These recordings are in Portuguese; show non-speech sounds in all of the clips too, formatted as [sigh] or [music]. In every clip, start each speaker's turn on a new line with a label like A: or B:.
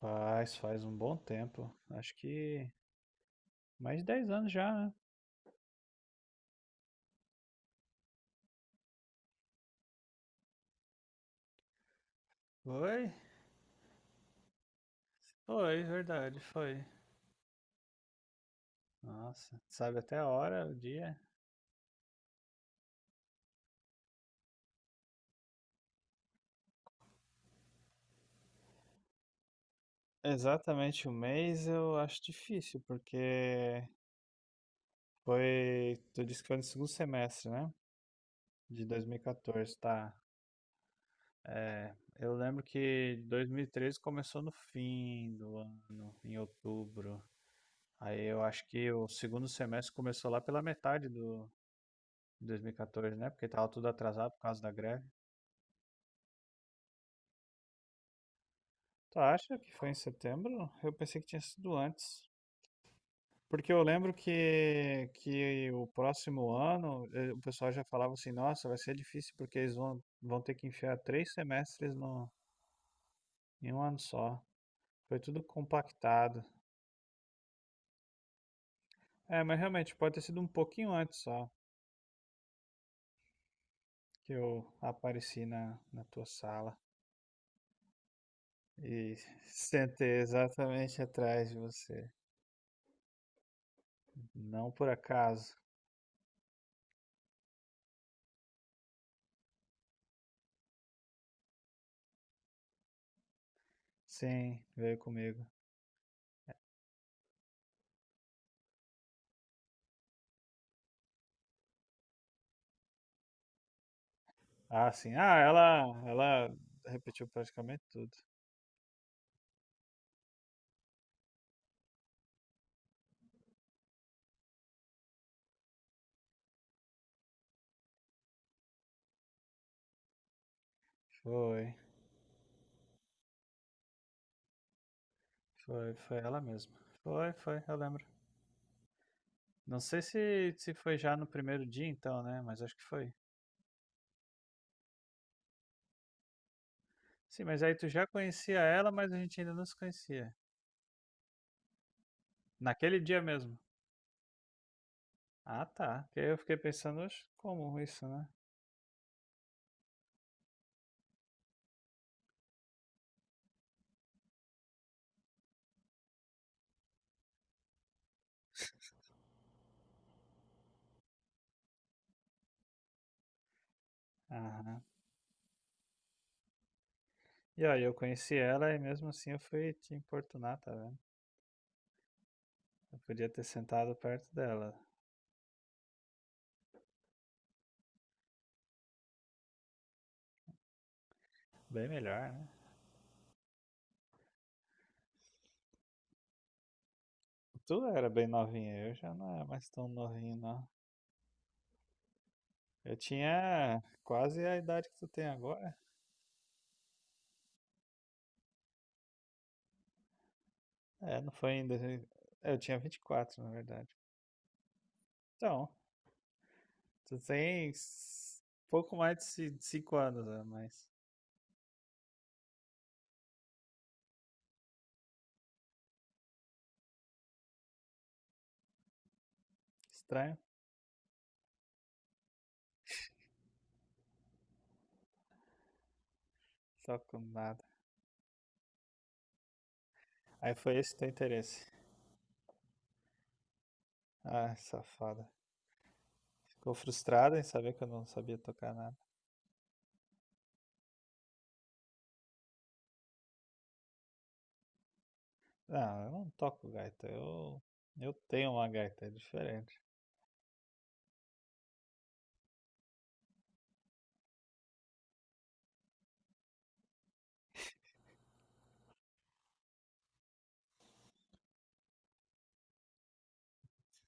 A: Faz um bom tempo. Acho que mais de 10 anos já, né? Foi? Foi, verdade, foi. Nossa, sabe até a hora, o dia? Exatamente o mês eu acho difícil, porque foi. Tu disse que foi no segundo semestre, né? De 2014, tá. Eu lembro que 2013 começou no fim do ano, em outubro. Aí eu acho que o segundo semestre começou lá pela metade do de 2014, né? Porque tava tudo atrasado por causa da greve. Tu acha que foi em setembro? Eu pensei que tinha sido antes. Porque eu lembro que o próximo ano o pessoal já falava assim, nossa, vai ser difícil porque eles vão ter que enfiar três semestres no, em um ano só. Foi tudo compactado. É, mas realmente pode ter sido um pouquinho antes só que eu apareci na tua sala e [laughs] sentei exatamente atrás de você. Não por acaso. Sim, veio comigo. Ah, sim. Ah, ela repetiu praticamente tudo. Foi, foi, foi ela mesma. Foi, foi, eu lembro. Não sei se foi já no primeiro dia então, né? Mas acho que foi. Sim, mas aí tu já conhecia ela, mas a gente ainda não se conhecia. Naquele dia mesmo. Ah, tá. Porque aí eu fiquei pensando, "Oxe, como isso, né? Aham. E aí eu conheci ela e mesmo assim eu fui te importunar, tá vendo? Eu podia ter sentado perto dela. Bem melhor, né? Tu era bem novinha, eu já não era mais tão novinho, não. Eu tinha quase a idade que tu tem agora. É, não foi ainda. Eu tinha 24, na verdade. Então, tu tem pouco mais de de 5 anos a mais. Estranho? Só com nada. Aí foi esse teu interesse. Ah, safada. Ficou frustrada em saber que eu não sabia tocar nada. Não, eu não toco gaita. Eu tenho uma gaita, é diferente.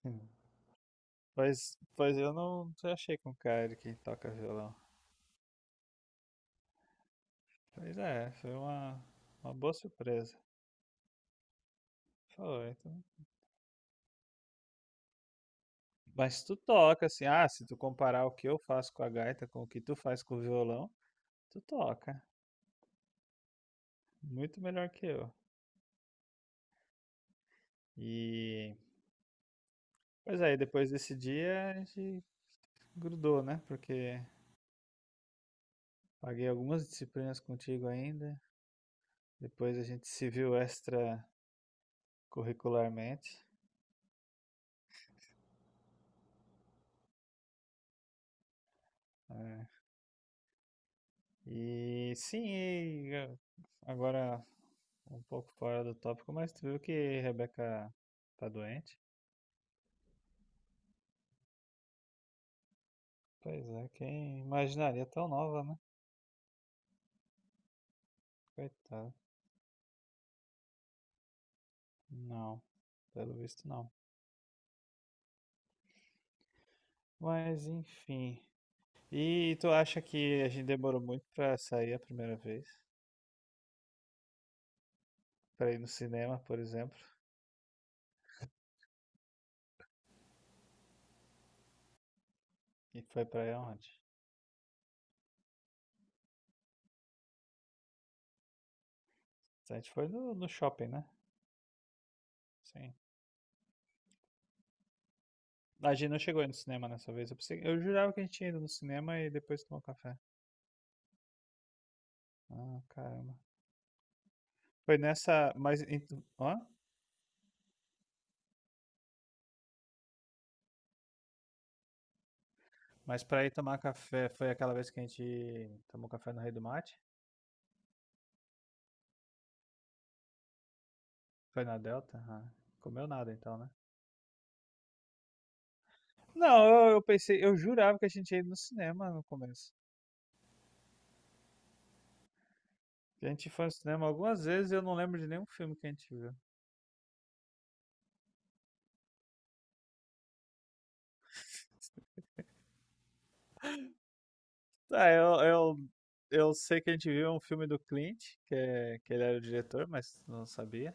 A: [laughs] Pois eu não te achei com cara de quem toca violão. Pois é, foi uma boa surpresa. Foi. Mas tu toca, assim, ah, se tu comparar o que eu faço com a gaita com o que tu faz com o violão, tu toca. Muito melhor que eu. E, pois aí, depois desse dia a gente grudou, né? Porque paguei algumas disciplinas contigo ainda. Depois a gente se viu extracurricularmente. E sim, agora um pouco fora do tópico, mas tu viu que Rebeca tá doente? Pois é, quem imaginaria tão nova, né? Coitada. Não, pelo visto não. Mas enfim. E tu acha que a gente demorou muito pra sair a primeira vez? Pra ir no cinema, por exemplo? E foi pra onde? A gente foi no shopping, né? Sim. A gente não chegou aí no cinema nessa vez. Eu jurava que a gente tinha ido no cinema e depois tomou café. Ah, caramba. Foi nessa. Mas, ó, mas pra ir tomar café, foi aquela vez que a gente tomou café no Rei do Mate? Foi na Delta? Ah, comeu nada então, né? Não, eu pensei, eu jurava que a gente ia ir no cinema no começo. Que a gente foi no cinema algumas vezes e eu não lembro de nenhum filme que a gente viu. Tá, eu sei que a gente viu um filme do Clint, que ele era o diretor, mas tu não sabia.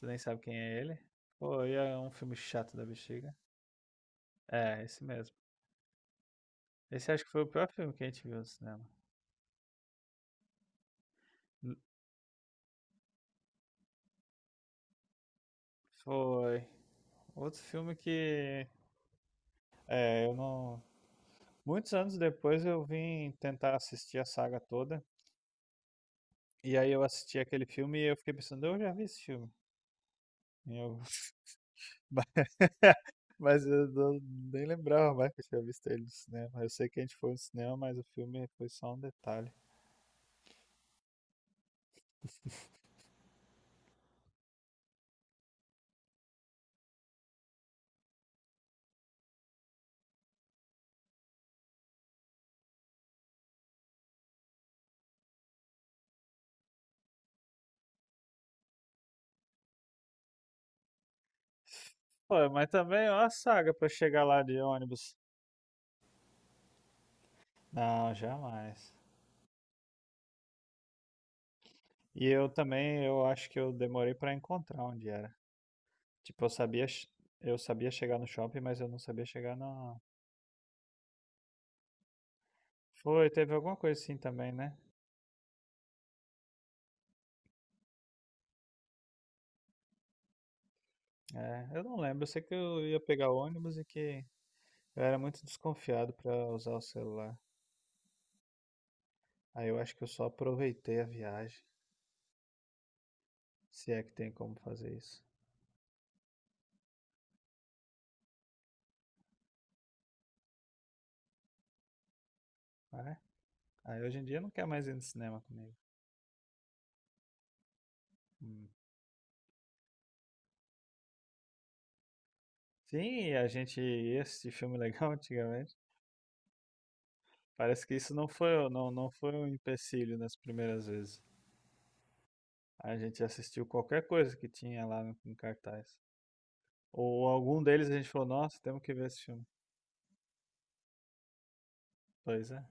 A: Tu nem sabe quem é ele. Pô, e é um filme chato da bexiga. É, esse mesmo. Esse acho que foi o pior filme que a gente viu no cinema. N- Foi. Outro filme que. É, eu não. Muitos anos depois eu vim tentar assistir a saga toda. E aí eu assisti aquele filme e eu fiquei pensando, eu já vi esse filme. E eu- [laughs] ba- Mas eu não- nem lembrava mais que eu tinha visto ele no cinema. Eu sei que a gente foi no cinema, mas o filme foi só um detalhe. Pô, mas também é uma saga pra chegar lá de ônibus. Não, jamais. E eu também, eu acho que eu demorei pra encontrar onde era. Tipo, eu sabia chegar no shopping, mas eu não sabia chegar na... Foi, teve alguma coisa assim também, né? É, eu não lembro, eu sei que eu ia pegar o ônibus e que... Eu era muito desconfiado para usar o celular. Aí eu acho que eu só aproveitei a viagem, se é que tem como fazer isso. Ah, aí hoje em dia não quer mais ir no cinema comigo. Hum. Sim, a gente ia assistir filme legal [laughs] antigamente. Parece que isso não foi um empecilho nas primeiras vezes. A gente assistiu qualquer coisa que tinha lá no, em cartaz. Ou algum deles a gente falou, nossa, temos que ver esse filme. Pois é.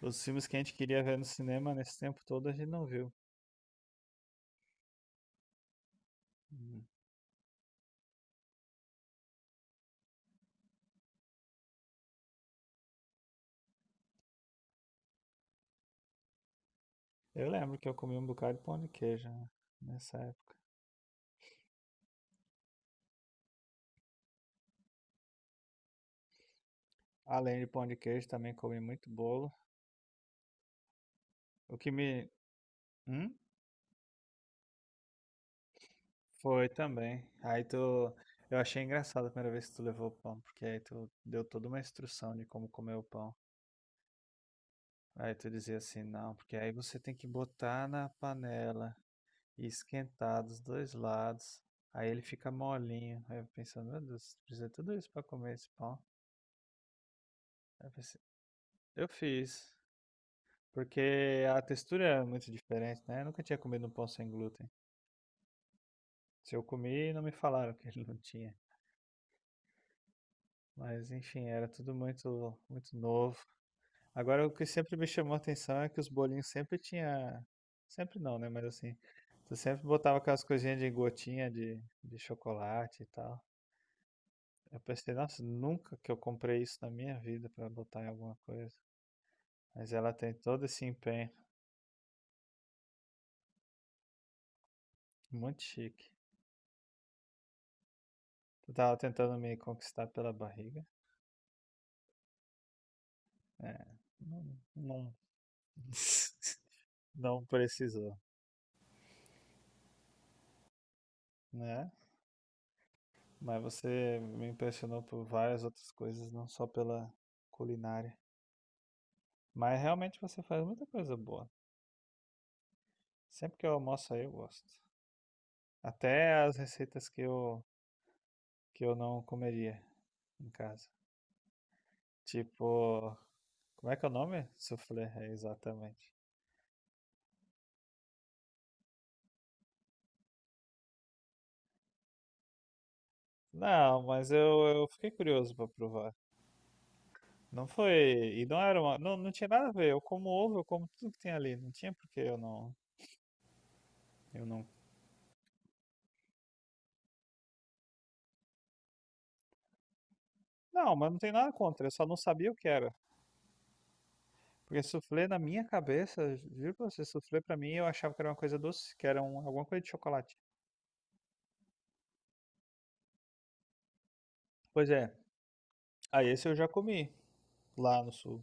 A: Os filmes que a gente queria ver no cinema nesse tempo todo a gente não viu. Hum. Eu lembro que eu comi um bocado de pão de queijo né, nessa época. Além de pão de queijo, também comi muito bolo. O que me. Hum? Foi também. Aí tu. Eu achei engraçado a primeira vez que tu levou o pão, porque aí tu deu toda uma instrução de como comer o pão. Aí tu dizia assim, não, porque aí você tem que botar na panela e esquentar dos dois lados. Aí ele fica molinho. Aí eu pensando, meu Deus, precisa de tudo isso pra comer esse pão. Aí eu pensei, eu fiz. Porque a textura é muito diferente, né? Eu nunca tinha comido um pão sem glúten. Se eu comi, não me falaram que ele não tinha. Mas enfim, era tudo muito, muito novo. Agora, o que sempre me chamou a atenção é que os bolinhos sempre tinha, sempre não, né? Mas assim, tu sempre botava aquelas coisinhas de gotinha de chocolate e tal. Eu pensei, nossa, nunca que eu comprei isso na minha vida pra botar em alguma coisa. Mas ela tem todo esse empenho, muito chique. Tu tava tentando me conquistar pela barriga? É, não, não, [laughs] não precisou, né? Mas você me impressionou por várias outras coisas, não só pela culinária. Mas realmente você faz muita coisa boa. Sempre que eu almoço aí, eu gosto. Até as receitas que eu não comeria em casa. Tipo, como é que é o nome? Soufflé, é, exatamente. Não, mas eu fiquei curioso pra provar. Não foi. E não era uma. Não, não tinha nada a ver. Eu como ovo, eu como tudo que tem ali. Não tinha por que eu não, Eu não. Não, mas não tem nada contra, eu só não sabia o que era. Porque soufflé na minha cabeça, juro pra você, soufflé pra mim eu achava que era uma coisa doce, que era um, alguma coisa de chocolate. Pois é, aí esse eu já comi lá no sul.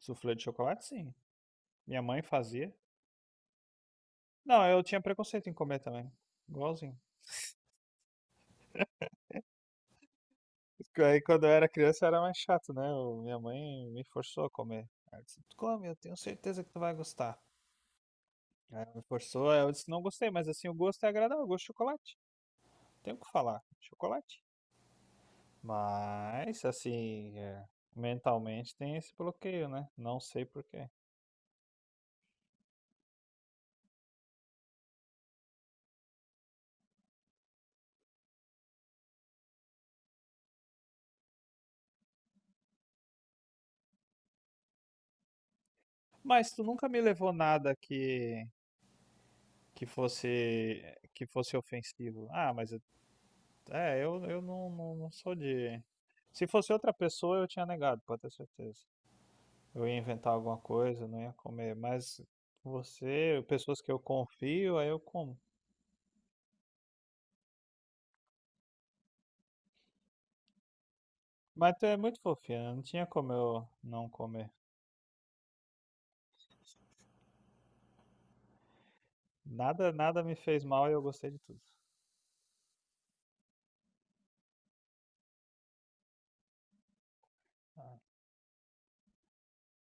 A: Soufflé de chocolate, sim. Minha mãe fazia. Não, eu tinha preconceito em comer também. Igualzinho. Aí quando eu era criança era mais chato, né? Minha mãe me forçou a comer. Ela disse, come, eu tenho certeza que tu vai gostar. Aí ela me forçou, aí eu disse, não gostei, mas assim, o gosto é agradável, o gosto de chocolate. Tem o que falar, chocolate. Mas, assim, mentalmente tem esse bloqueio, né? Não sei por quê. Mas tu nunca me levou nada que fosse que fosse ofensivo. Ah, mas eu não, não, não sou de. Se fosse outra pessoa, eu tinha negado, pode ter certeza. Eu ia inventar alguma coisa, não ia comer. Mas você, pessoas que eu confio, aí eu como. Mas tu é muito fofinha, não tinha como eu não comer. Nada, nada me fez mal e eu gostei de tudo.